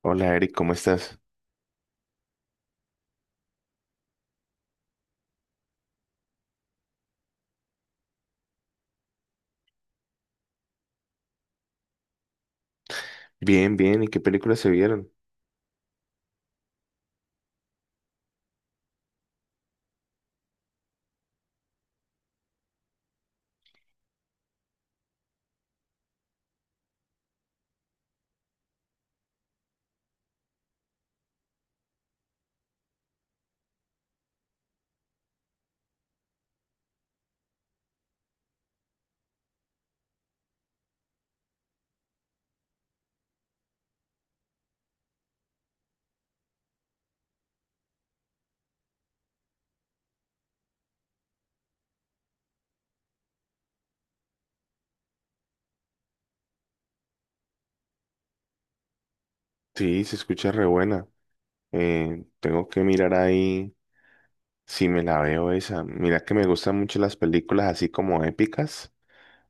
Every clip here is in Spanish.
Hola Eric, ¿cómo estás? Bien, bien. ¿Y qué películas se vieron? Sí, se escucha re buena. Tengo que mirar ahí si me la veo esa. Mira que me gustan mucho las películas así como épicas.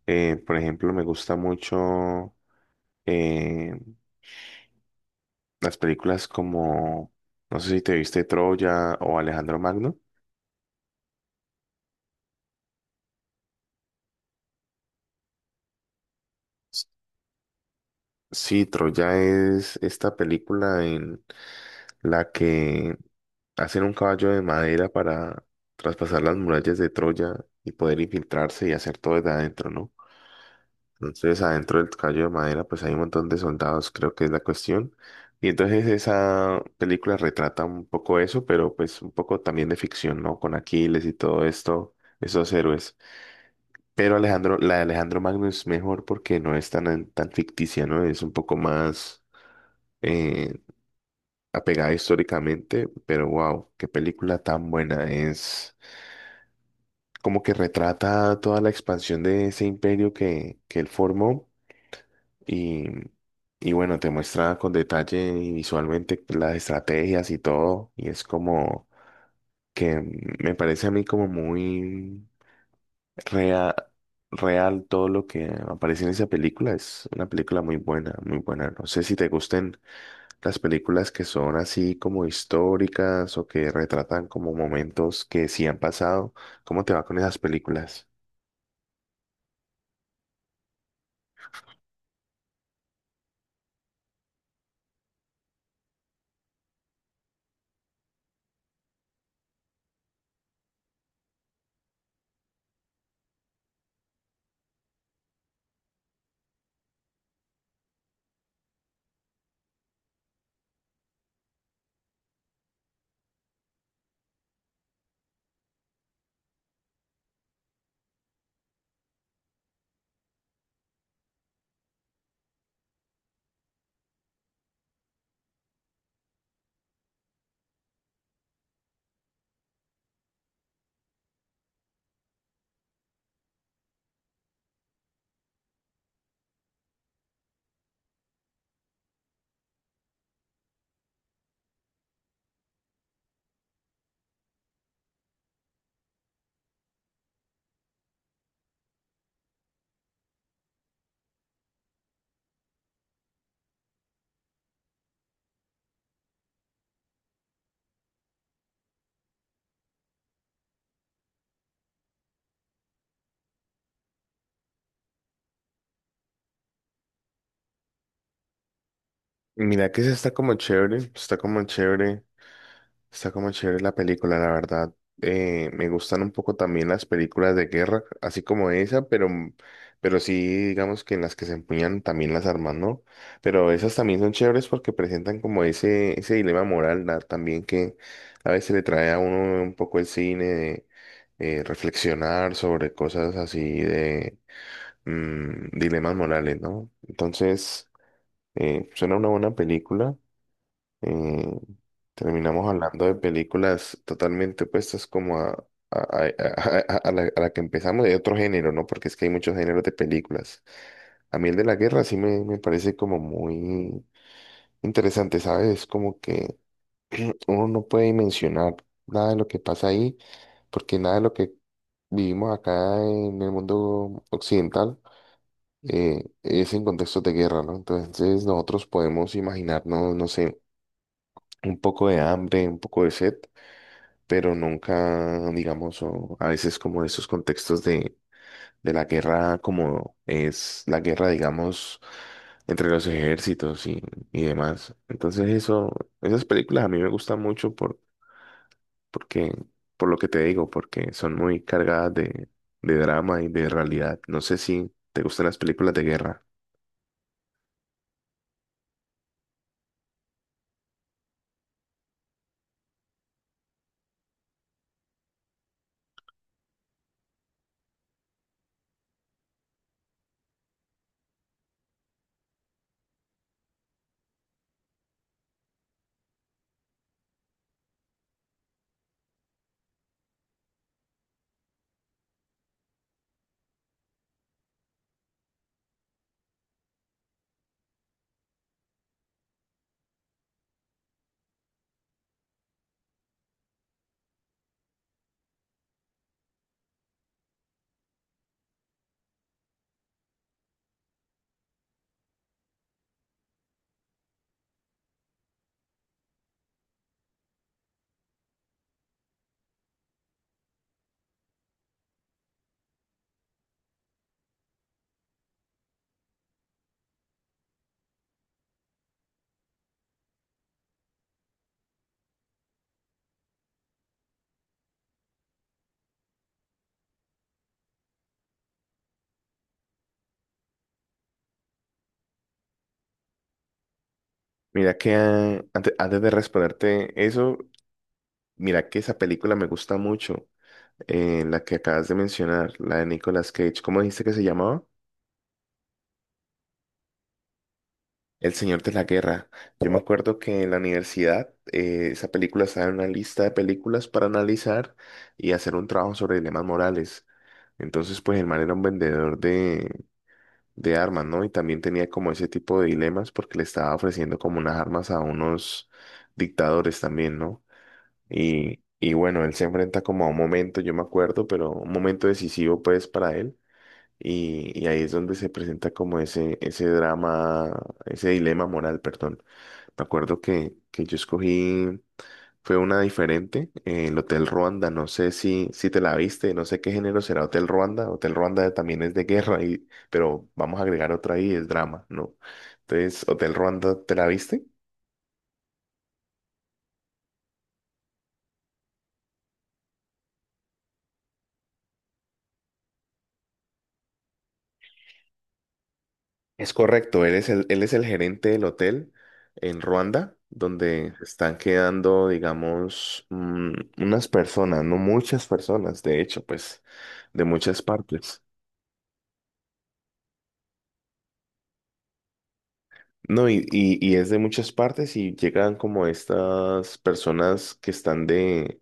Por ejemplo, me gusta mucho eh, las películas como, no sé si te viste Troya o Alejandro Magno. Sí, Troya es esta película en la que hacen un caballo de madera para traspasar las murallas de Troya y poder infiltrarse y hacer todo desde adentro, ¿no? Entonces, adentro del caballo de madera, pues hay un montón de soldados, creo que es la cuestión. Y entonces esa película retrata un poco eso, pero pues un poco también de ficción, ¿no? Con Aquiles y todo esto, esos héroes. Pero Alejandro, la de Alejandro Magno es mejor porque no es tan ficticia, ¿no? Es un poco más eh, apegada históricamente, pero wow, qué película tan buena es. Como que retrata toda la expansión de ese imperio que él formó y, y bueno, te muestra con detalle y visualmente las estrategias y todo y es como que me parece a mí como muy real, real todo lo que aparece en esa película, es una película muy buena, muy buena. No sé si te gusten las películas que son así como históricas o que retratan como momentos que sí han pasado. ¿Cómo te va con esas películas? Mira que sí está como chévere, está como chévere, está como chévere la película, la verdad. Me gustan un poco también las películas de guerra, así como esa, pero sí, digamos que en las que se empuñan también las armas, ¿no? Pero esas también son chéveres porque presentan como ese dilema moral, ¿no? También que a veces le trae a uno un poco el cine de reflexionar sobre cosas así de dilemas morales, ¿no? Entonces, suena una buena película. Eh, Terminamos hablando de películas totalmente opuestas como a, a la que empezamos de otro género, ¿no? Porque es que hay muchos géneros de películas. A mí el de la guerra sí me parece como muy interesante, ¿sabes? Es como que uno no puede dimensionar nada de lo que pasa ahí, porque nada de lo que vivimos acá en el mundo occidental es en contextos de guerra, ¿no? Entonces nosotros podemos imaginarnos, no sé, un poco de hambre, un poco de sed pero nunca, digamos, o a veces como esos contextos de la guerra, como es la guerra, digamos, entre los ejércitos y demás. Entonces eso, esas películas a mí me gustan mucho por, porque, por lo que te digo, porque son muy cargadas de drama y de realidad. No sé si te gustan las películas de guerra. Mira que antes, de responderte eso, mira que esa película me gusta mucho. Eh, la que acabas de mencionar, la de Nicolas Cage, ¿cómo dijiste que se llamaba? El Señor de la Guerra. Yo me acuerdo que en la universidad esa película estaba en una lista de películas para analizar y hacer un trabajo sobre dilemas morales. Entonces, pues el man era un vendedor de armas, ¿no? Y también tenía como ese tipo de dilemas porque le estaba ofreciendo como unas armas a unos dictadores también, ¿no? Y bueno, él se enfrenta como a un momento, yo me acuerdo, pero un momento decisivo pues para él. Y ahí es donde se presenta como ese drama, ese dilema moral, perdón. Me acuerdo que yo escogí, fue una diferente, el Hotel Ruanda, no sé si, si te la viste, no sé qué género será Hotel Ruanda, Hotel Ruanda también es de guerra, y, pero vamos a agregar otra ahí, es drama, ¿no? Entonces, Hotel Ruanda, ¿te la viste? Es correcto, él es el gerente del hotel en Ruanda, donde se están quedando, digamos, mm, unas personas, no muchas personas, de hecho, pues, de muchas partes. No, y es de muchas partes y llegan como estas personas que están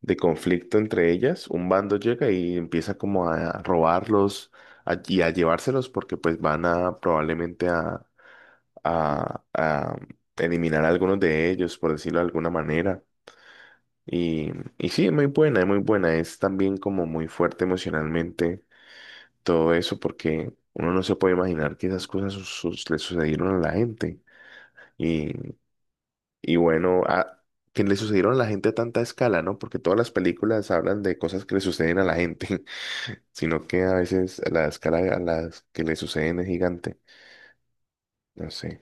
de conflicto entre ellas. Un bando llega y empieza como a robarlos y a llevárselos porque pues van a probablemente a eliminar a algunos de ellos, por decirlo de alguna manera. Y, y sí, es muy buena, es muy buena. Es también como muy fuerte emocionalmente todo eso, porque uno no se puede imaginar que esas cosas le sucedieron a la gente. Y, y bueno, a, que le sucedieron a la gente a tanta escala, ¿no? Porque todas las películas hablan de cosas que le suceden a la gente, sino que a veces la escala a las que le suceden es gigante. No sé.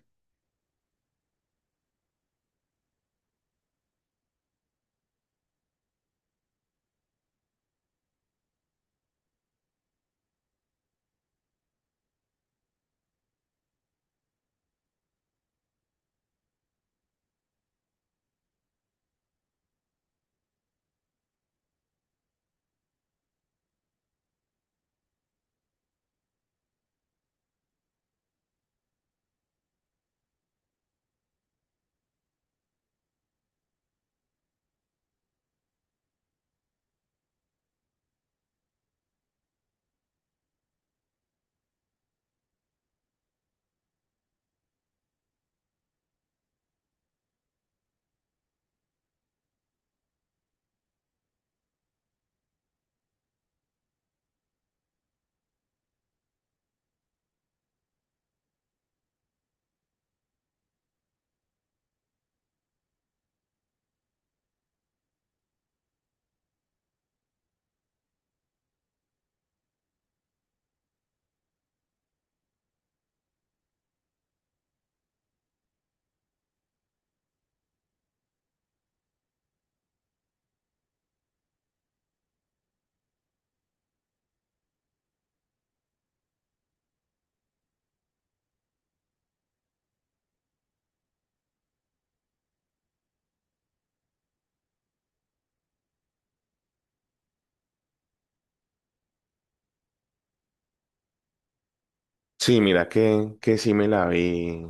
Sí, mira que sí me la vi.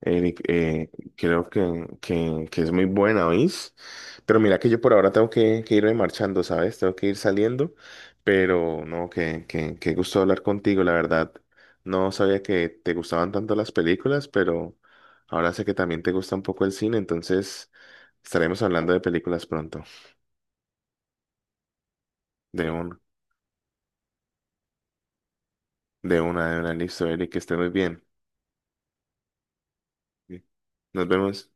Eric, creo que es muy buena, ¿oís? Pero mira que yo por ahora tengo que irme marchando, ¿sabes? Tengo que ir saliendo, pero no, que gusto hablar contigo, la verdad. No sabía que te gustaban tanto las películas, pero ahora sé que también te gusta un poco el cine, entonces estaremos hablando de películas pronto. De un, de una, listo, Eric, que esté muy bien. Nos vemos.